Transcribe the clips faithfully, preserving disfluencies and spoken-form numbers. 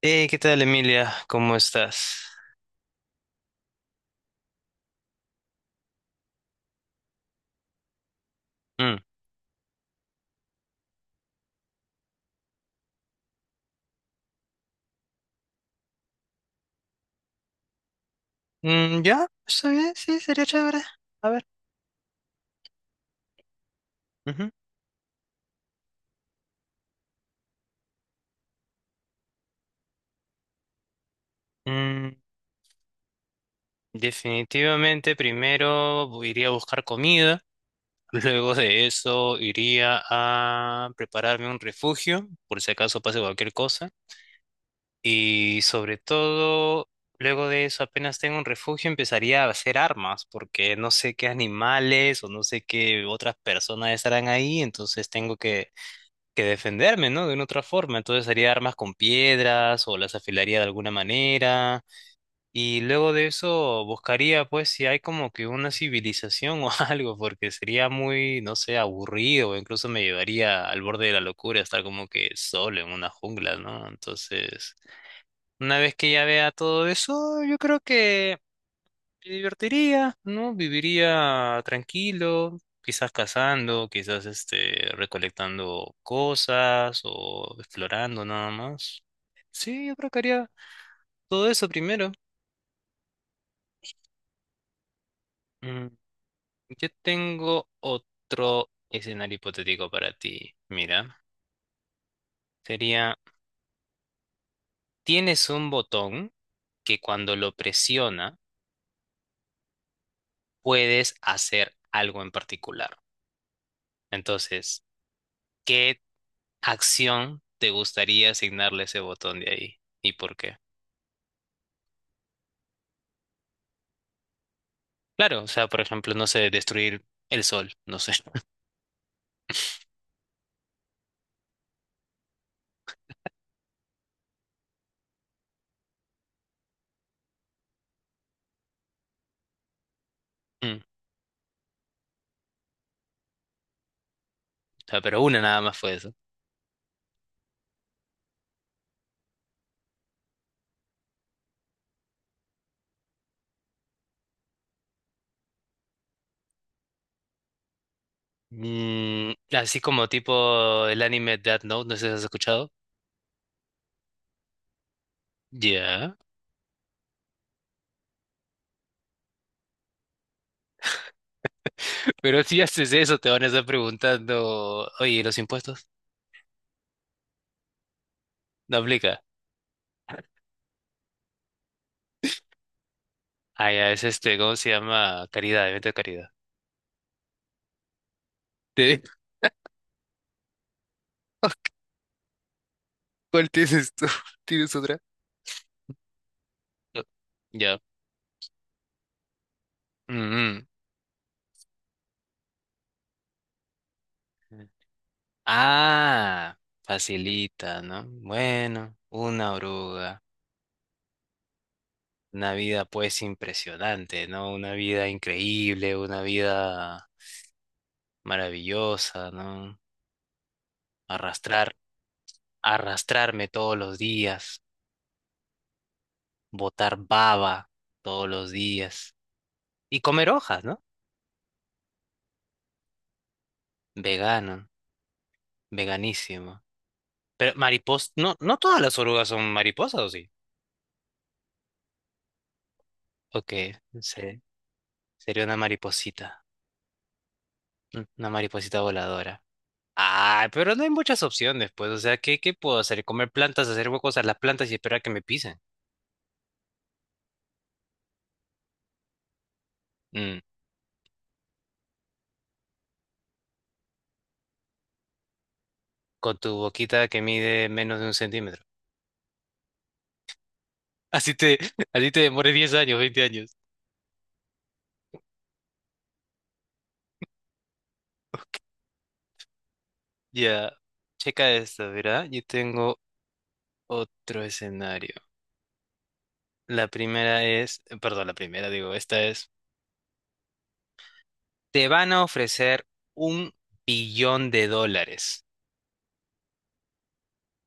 Hey, ¿qué tal, Emilia? ¿Cómo estás? Mm. Mm, ya, está bien, sí, sería chévere. A ver. Ujú. Mm, Definitivamente, primero bu- iría a buscar comida. Luego de eso, iría a prepararme un refugio, por si acaso pase cualquier cosa. Y sobre todo, luego de eso, apenas tengo un refugio, empezaría a hacer armas, porque no sé qué animales o no sé qué otras personas estarán ahí, entonces tengo que que defenderme, ¿no? De una otra forma. Entonces haría armas con piedras o las afilaría de alguna manera. Y luego de eso buscaría, pues, si hay como que una civilización o algo, porque sería muy, no sé, aburrido. Incluso me llevaría al borde de la locura estar como que solo en una jungla, ¿no? Entonces, una vez que ya vea todo eso, yo creo que me divertiría, ¿no? Viviría tranquilo, quizás cazando, quizás este, recolectando cosas o explorando nada más. Sí, yo creo que haría todo eso primero. Mm, Yo tengo otro escenario hipotético para ti. Mira, sería, tienes un botón que cuando lo presiona puedes hacer algo en particular. Entonces, ¿qué acción te gustaría asignarle ese botón de ahí? ¿Y por qué? Claro, o sea, por ejemplo, no sé, destruir el sol, no sé. Mm, o sea, pero una nada más fue eso. Mm, así como tipo el anime Death Note, no sé si has escuchado. Ya. Pero si haces eso, te van a estar preguntando, oye, ¿y los impuestos? No aplica. Ah, ya, es este, ¿cómo se llama? Caridad, evento de caridad. ¿Te- ¿Cuál tienes tú? ¿Tienes otra? No. Ya. Mm, mm. Ah, facilita, ¿no? Bueno, una oruga, una vida pues impresionante, ¿no? Una vida increíble, una vida maravillosa, ¿no? Arrastrar, arrastrarme todos los días, botar baba todos los días y comer hojas, ¿no? Vegano, veganísimo. Pero mariposa, no, no todas las orugas son mariposas, ¿o sí? Ok, no sé, sería una mariposita, un- una mariposita voladora. Ah, pero no hay muchas opciones, pues. O sea, ¿qué, qué puedo hacer? ¿Comer plantas, hacer huecos a las plantas y esperar que me pisen? Mm, con tu boquita que mide menos de un centímetro. Así te, así te demores diez años, veinte años. Ya, checa esto, ¿verdad? Yo tengo otro escenario. La primera es, perdón, la primera, digo, esta es, te van a ofrecer un billón de dólares,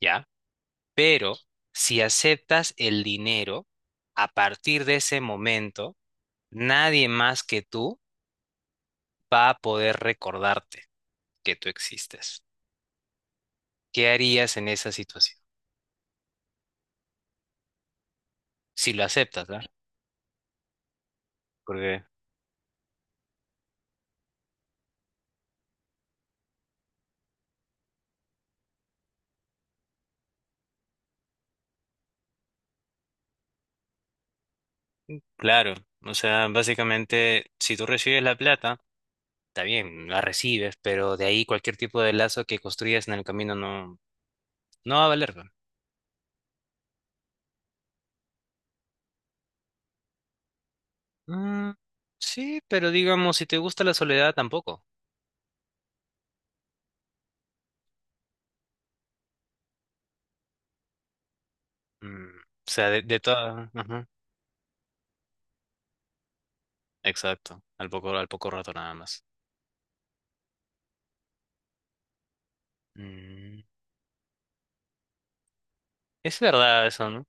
¿ya? Pero si aceptas el dinero, a partir de ese momento nadie más que tú va a poder recordarte que tú existes. ¿Qué harías en esa situación? Si lo aceptas, ¿verdad? Porque, claro, o sea, básicamente, si tú recibes la plata, está bien, la recibes, pero de ahí cualquier tipo de lazo que construyas en el camino no, no va a valer, ¿verdad? Mm, sí, pero digamos, si te gusta la soledad, tampoco. Mm, o sea, de, de toda- ajá. Exacto, al poco, al poco rato nada más. Mm, es verdad eso, ¿no?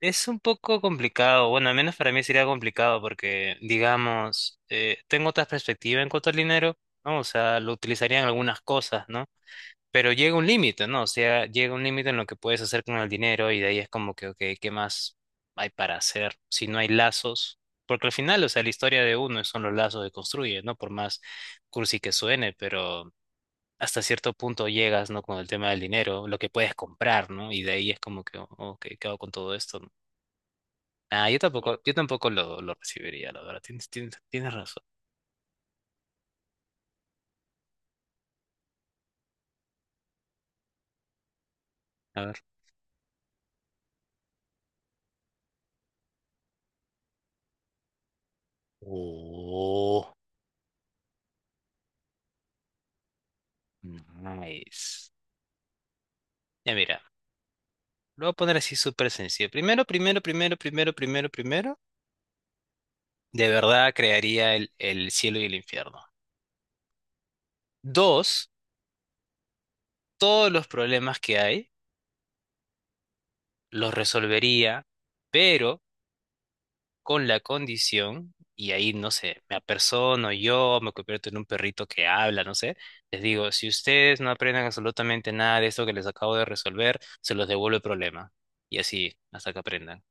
Es un poco complicado, bueno, al menos para mí sería complicado porque, digamos, eh, tengo otra perspectiva en cuanto al dinero, ¿no? O sea, lo utilizaría en algunas cosas, ¿no? Pero llega un límite, ¿no? O sea, llega un límite en lo que puedes hacer con el dinero y de ahí es como que, ok, ¿qué más hay para hacer si no hay lazos? Porque al final, o sea, la historia de uno son los lazos que construye, ¿no? Por más cursi que suene, pero hasta cierto punto llegas, ¿no? Con el tema del dinero, lo que puedes comprar, ¿no? Y de ahí es como que, ok, ¿qué hago con todo esto, ¿no? Ah, yo tampoco, yo tampoco lo, lo recibiría, la verdad. Tienes, tienes, tienes razón. A ver. Oh, nice. Ya mira, lo voy a poner así súper sencillo. Primero, primero, primero, primero, primero, primero. De verdad crearía el, el cielo y el infierno. Dos, todos los problemas que hay los resolvería, pero con la condición, y ahí, no sé, me apersono yo, me convierto en un perrito que habla, no sé, les digo, si ustedes no aprenden absolutamente nada de esto que les acabo de resolver, se los devuelvo el problema. Y así, hasta que aprendan.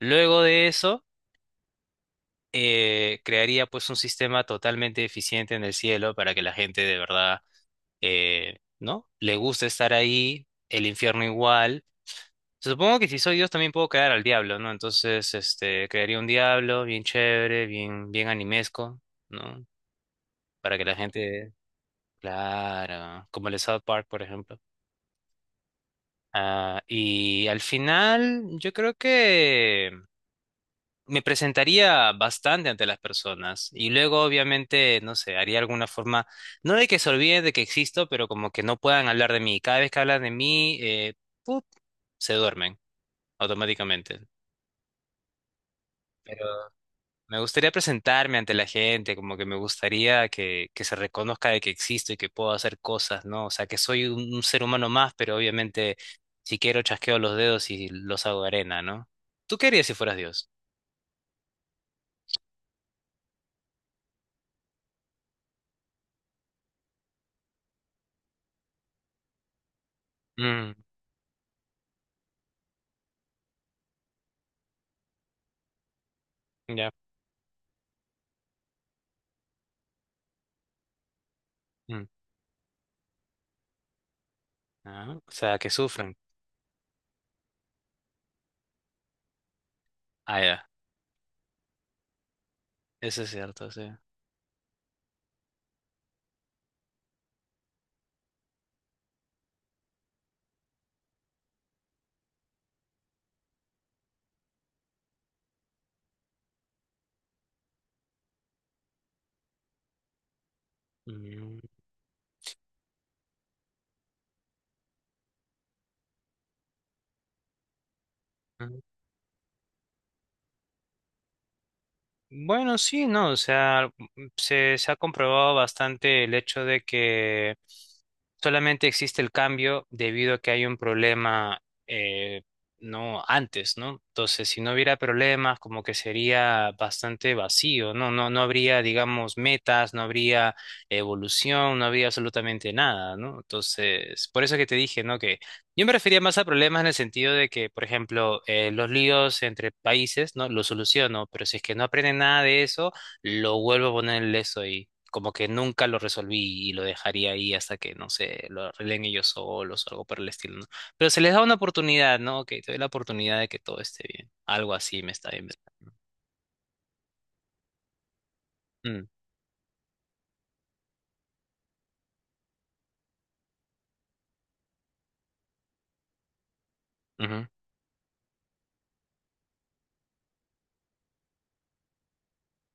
Luego de eso, eh, crearía pues un sistema totalmente eficiente en el cielo para que la gente de verdad, eh, ¿no? Le guste estar ahí, el infierno igual. Supongo que si soy Dios también puedo caer al diablo, ¿no? Entonces, este, crearía un diablo bien chévere, bien, bien animesco, ¿no? Para que la gente, claro, como el de South Park, por ejemplo. Ah, y al final, yo creo que me presentaría bastante ante las personas y luego, obviamente, no sé, haría alguna forma, no de que se olviden de que existo, pero como que no puedan hablar de mí. Cada vez que hablan de mí, eh, ¡pup! Se duermen automáticamente. Pero me gustaría presentarme ante la gente, como que me gustaría que, que se reconozca de que existo y que puedo hacer cosas, ¿no? O sea, que soy un, un ser humano más, pero obviamente si quiero chasqueo los dedos y los hago arena, ¿no? ¿Tú qué harías si fueras Dios? Mm, ya. mm, ah, o sea, que sufren. Ah, ya. Eso es cierto, sí. Mm, mm. Bueno, sí, no, o sea, se, se ha comprobado bastante el hecho de que solamente existe el cambio debido a que hay un problema, eh, no antes, ¿no? Entonces, si no hubiera problemas, como que sería bastante vacío, ¿no? No, no habría, digamos, metas, no habría evolución, no habría absolutamente nada, ¿no? Entonces, por eso que te dije, ¿no? Yo me refería más a problemas en el sentido de que, por ejemplo, eh, los líos entre países, ¿no? Los soluciono, pero si es que no aprenden nada de eso, lo vuelvo a poner en eso y como que nunca lo resolví y lo dejaría ahí hasta que, no sé, lo arreglen ellos solos o algo por el estilo, ¿no? Pero se les da una oportunidad, ¿no? Ok, te doy la oportunidad de que todo esté bien. Algo así me está bien. Mm,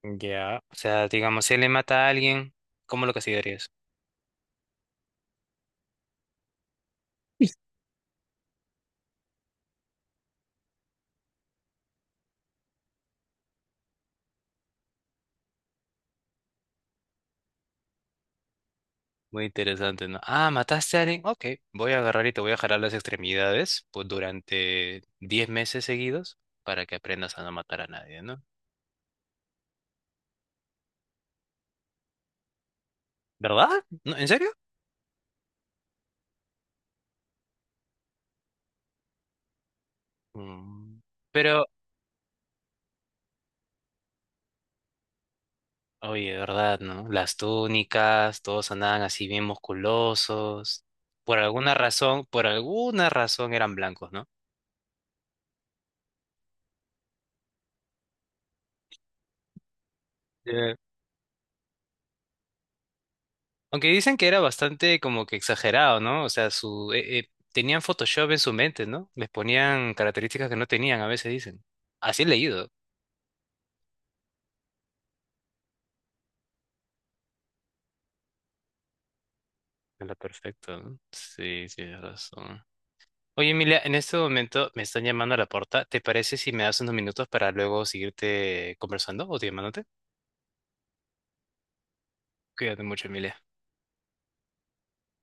ujú. Ya. O sea, digamos, si él le mata a alguien, ¿cómo lo castigarías? Muy interesante, ¿no? Ah, mataste a alguien. Ok, voy a agarrar y te voy a jalar las extremidades pues, durante diez meses seguidos para que aprendas a no matar a nadie, ¿no? ¿Verdad? ¿No? ¿En serio? Mm, Pero, oye, ¿verdad, no? Las túnicas, todos andaban así bien musculosos. Por alguna razón, por alguna razón eran blancos, ¿no? Aunque dicen que era bastante como que exagerado, ¿no? O sea, su eh, eh, tenían Photoshop en su mente, ¿no? Les ponían características que no tenían, a veces dicen. Así he leído. Era perfecto, ¿no? Sí, tienes razón. Oye, Emilia, en este momento me están llamando a la puerta. ¿Te parece si me das unos minutos para luego seguirte conversando o te llamándote? Cuídate mucho, Emilia.